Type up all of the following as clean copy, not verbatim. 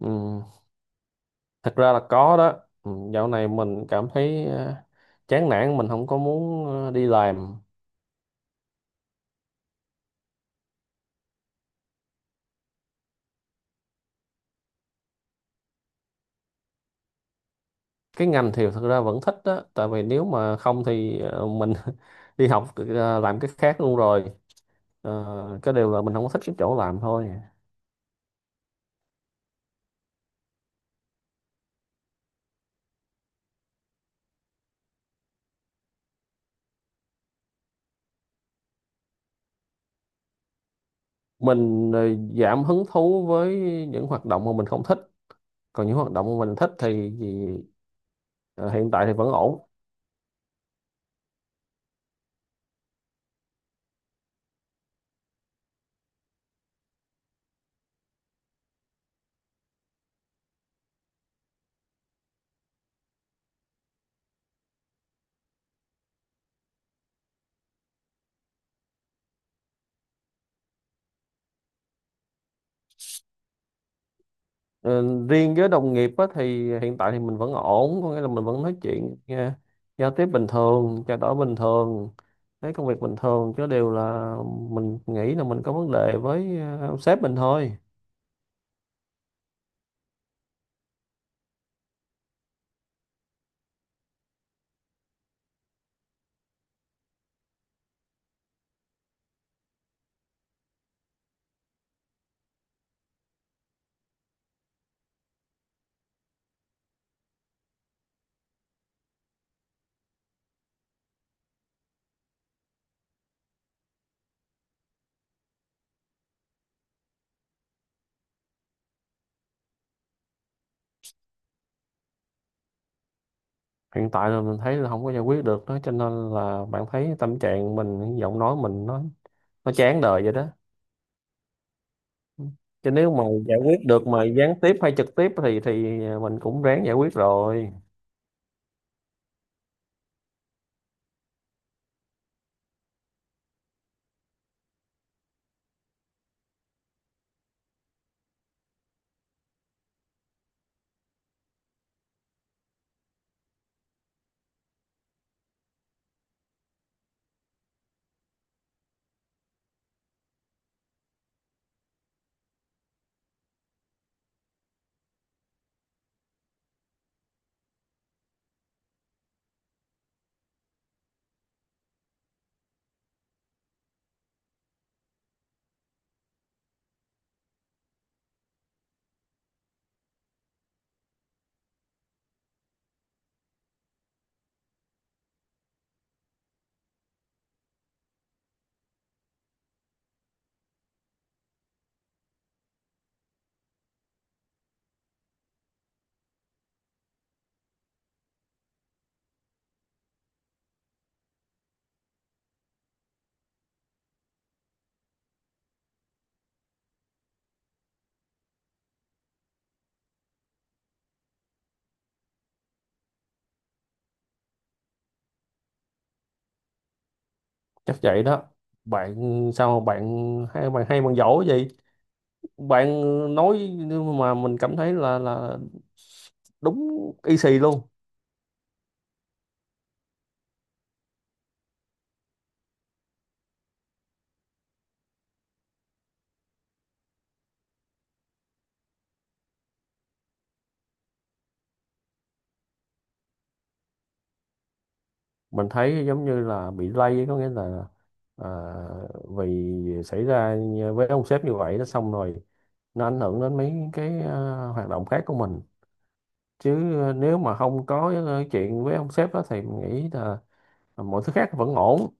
Ừ, thật ra là có đó. Ừ, dạo này mình cảm thấy chán nản, mình không có muốn đi làm. Cái ngành thì thật ra vẫn thích đó, tại vì nếu mà không thì mình đi học làm cái khác luôn rồi. Cái điều là mình không có thích cái chỗ làm thôi. Mình giảm hứng thú với những hoạt động mà mình không thích, còn những hoạt động mà mình thích thì ờ, hiện tại thì vẫn ổn. Ờ, riêng với đồng nghiệp á, thì hiện tại thì mình vẫn ổn, có nghĩa là mình vẫn nói chuyện nha, giao tiếp bình thường, trao đổi bình thường, thấy công việc bình thường, chứ đều là mình nghĩ là mình có vấn đề với sếp mình thôi. Hiện tại là mình thấy là không có giải quyết được đó, cho nên là bạn thấy tâm trạng mình, giọng nói mình nó chán đời vậy đó. Chứ nếu mà giải quyết được mà gián tiếp hay trực tiếp thì mình cũng ráng giải quyết rồi. Chắc vậy đó, bạn sao mà bạn giỏi gì bạn nói mà mình cảm thấy là đúng y xì luôn. Mình thấy giống như là bị lây, có nghĩa là à, vì xảy ra với ông sếp như vậy, nó xong rồi nó ảnh hưởng đến mấy cái à, hoạt động khác của mình. Chứ nếu mà không có cái chuyện với ông sếp đó thì mình nghĩ là mọi thứ khác vẫn ổn.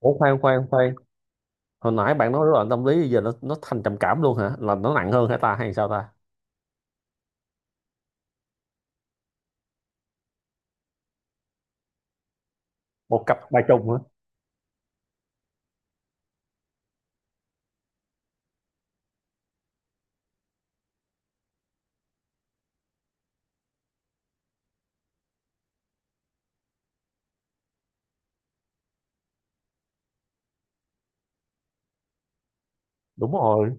Ủa, khoan khoan khoan, hồi nãy bạn nói rối loạn tâm lý, giờ nó thành trầm cảm luôn hả, là nó nặng hơn hả ta, hay sao ta? Một cặp ba trùng hả? Đúng rồi.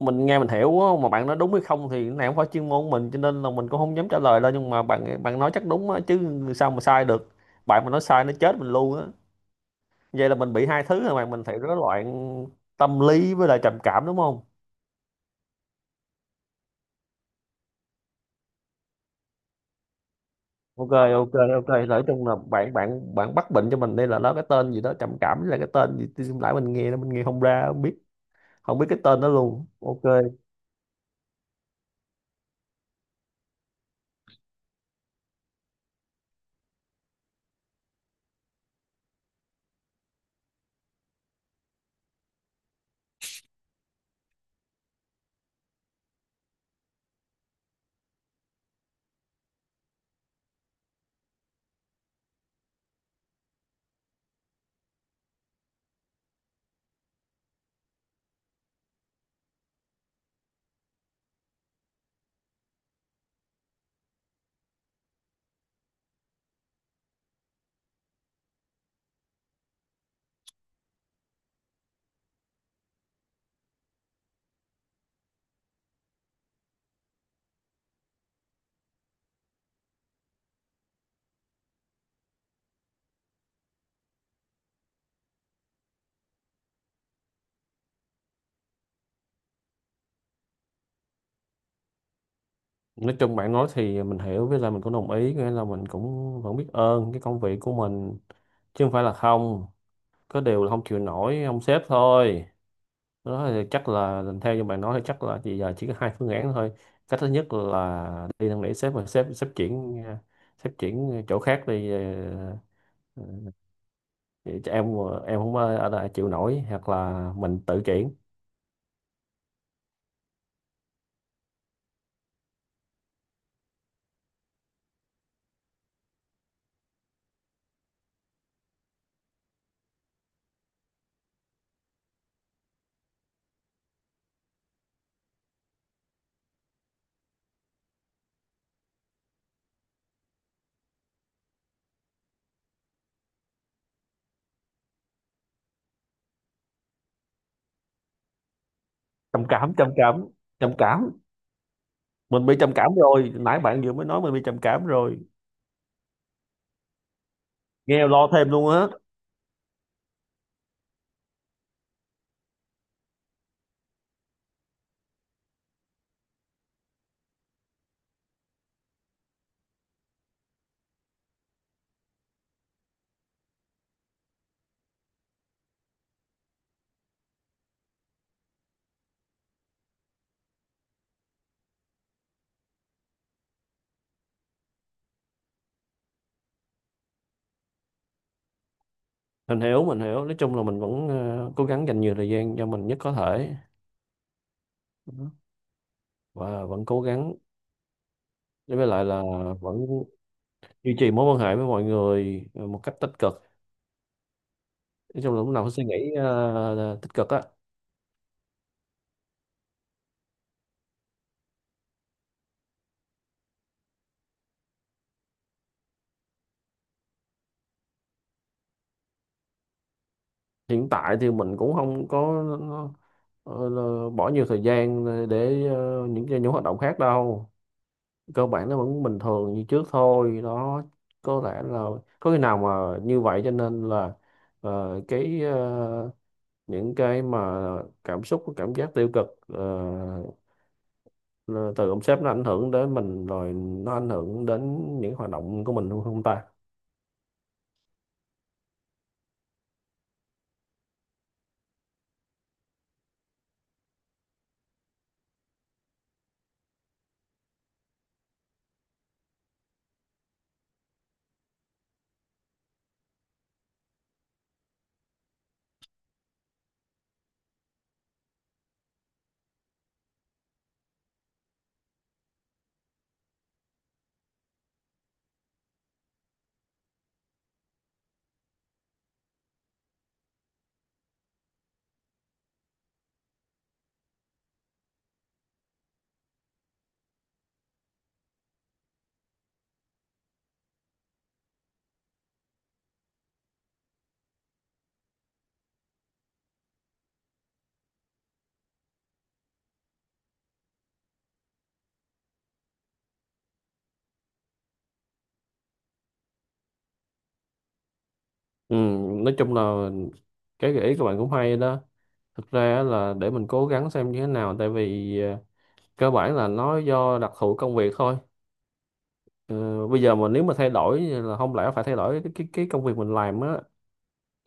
Mình nghe mình hiểu á, mà bạn nói đúng hay không thì cái này không phải chuyên môn của mình, cho nên là mình cũng không dám trả lời đâu. Nhưng mà bạn bạn nói chắc đúng á, chứ sao mà sai được. Bạn mà nói sai nó chết mình luôn á. Vậy là mình bị hai thứ rồi, mà mình phải rối loạn tâm lý với lại trầm cảm đúng không? Ok ok ok nói chung là bạn bạn bạn bắt bệnh cho mình đây, là nó cái tên gì đó, trầm cảm với lại cái tên gì, tôi lại mình nghe nó, mình nghe không ra không biết, không biết cái tên đó luôn. Ok. Nói chung bạn nói thì mình hiểu, với lại mình cũng đồng ý, nghĩa là mình cũng vẫn biết ơn cái công việc của mình, chứ không phải là không. Có điều là không chịu nổi ông sếp thôi đó. Thì chắc là theo như bạn nói thì chắc là thì giờ chỉ có hai phương án thôi. Cách thứ nhất là đi năn nỉ sếp, mà sếp, sếp chuyển chỗ khác đi, ờ, cho em không ở lại chịu nổi, hoặc là mình tự chuyển. Trầm cảm, trầm cảm, trầm cảm, mình bị trầm cảm rồi, nãy bạn vừa mới nói mình bị trầm cảm rồi, nghe lo thêm luôn á. Mình hiểu, nói chung là mình vẫn cố gắng dành nhiều thời gian cho mình nhất có thể. Đó. Và vẫn cố gắng đối với lại là vẫn duy trì mối quan hệ với mọi người một cách tích cực. Nói chung là lúc nào cũng suy nghĩ tích cực á. Hiện tại thì mình cũng không có ờ, là bỏ nhiều thời gian để những cái những hoạt động khác đâu, cơ bản nó vẫn bình thường như trước thôi đó. Có lẽ là có khi nào mà như vậy cho nên là ờ, cái ờ, những cái mà cảm xúc, cảm giác tiêu cực từ ông sếp nó ảnh hưởng đến mình rồi nó ảnh hưởng đến những hoạt động của mình luôn không ta? Ừ, nói chung là cái gợi ý của bạn cũng hay đó. Thực ra là để mình cố gắng xem như thế nào, tại vì cơ bản là nó do đặc thù công việc thôi. Ờ, bây giờ mà nếu mà thay đổi là không lẽ phải thay đổi cái công việc mình làm á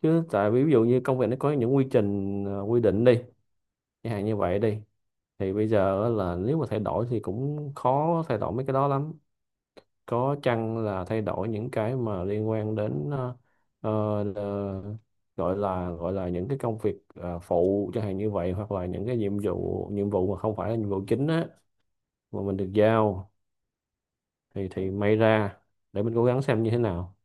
chứ, tại vì ví dụ như công việc nó có những quy trình quy định đi, chẳng hạn như vậy đi, thì bây giờ á, là nếu mà thay đổi thì cũng khó thay đổi mấy cái đó lắm. Có chăng là thay đổi những cái mà liên quan đến ờ, ờ, gọi là những cái công việc phụ, chẳng hạn như vậy, hoặc là những cái nhiệm vụ mà không phải là nhiệm vụ chính á mà mình được giao, thì may ra, để mình cố gắng xem như thế nào.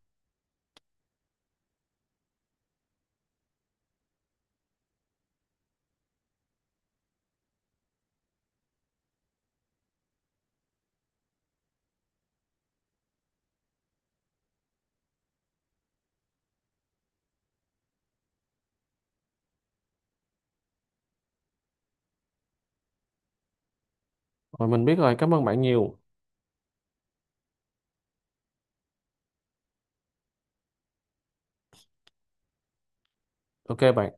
Rồi mình biết rồi, cảm ơn bạn nhiều. Ok bạn.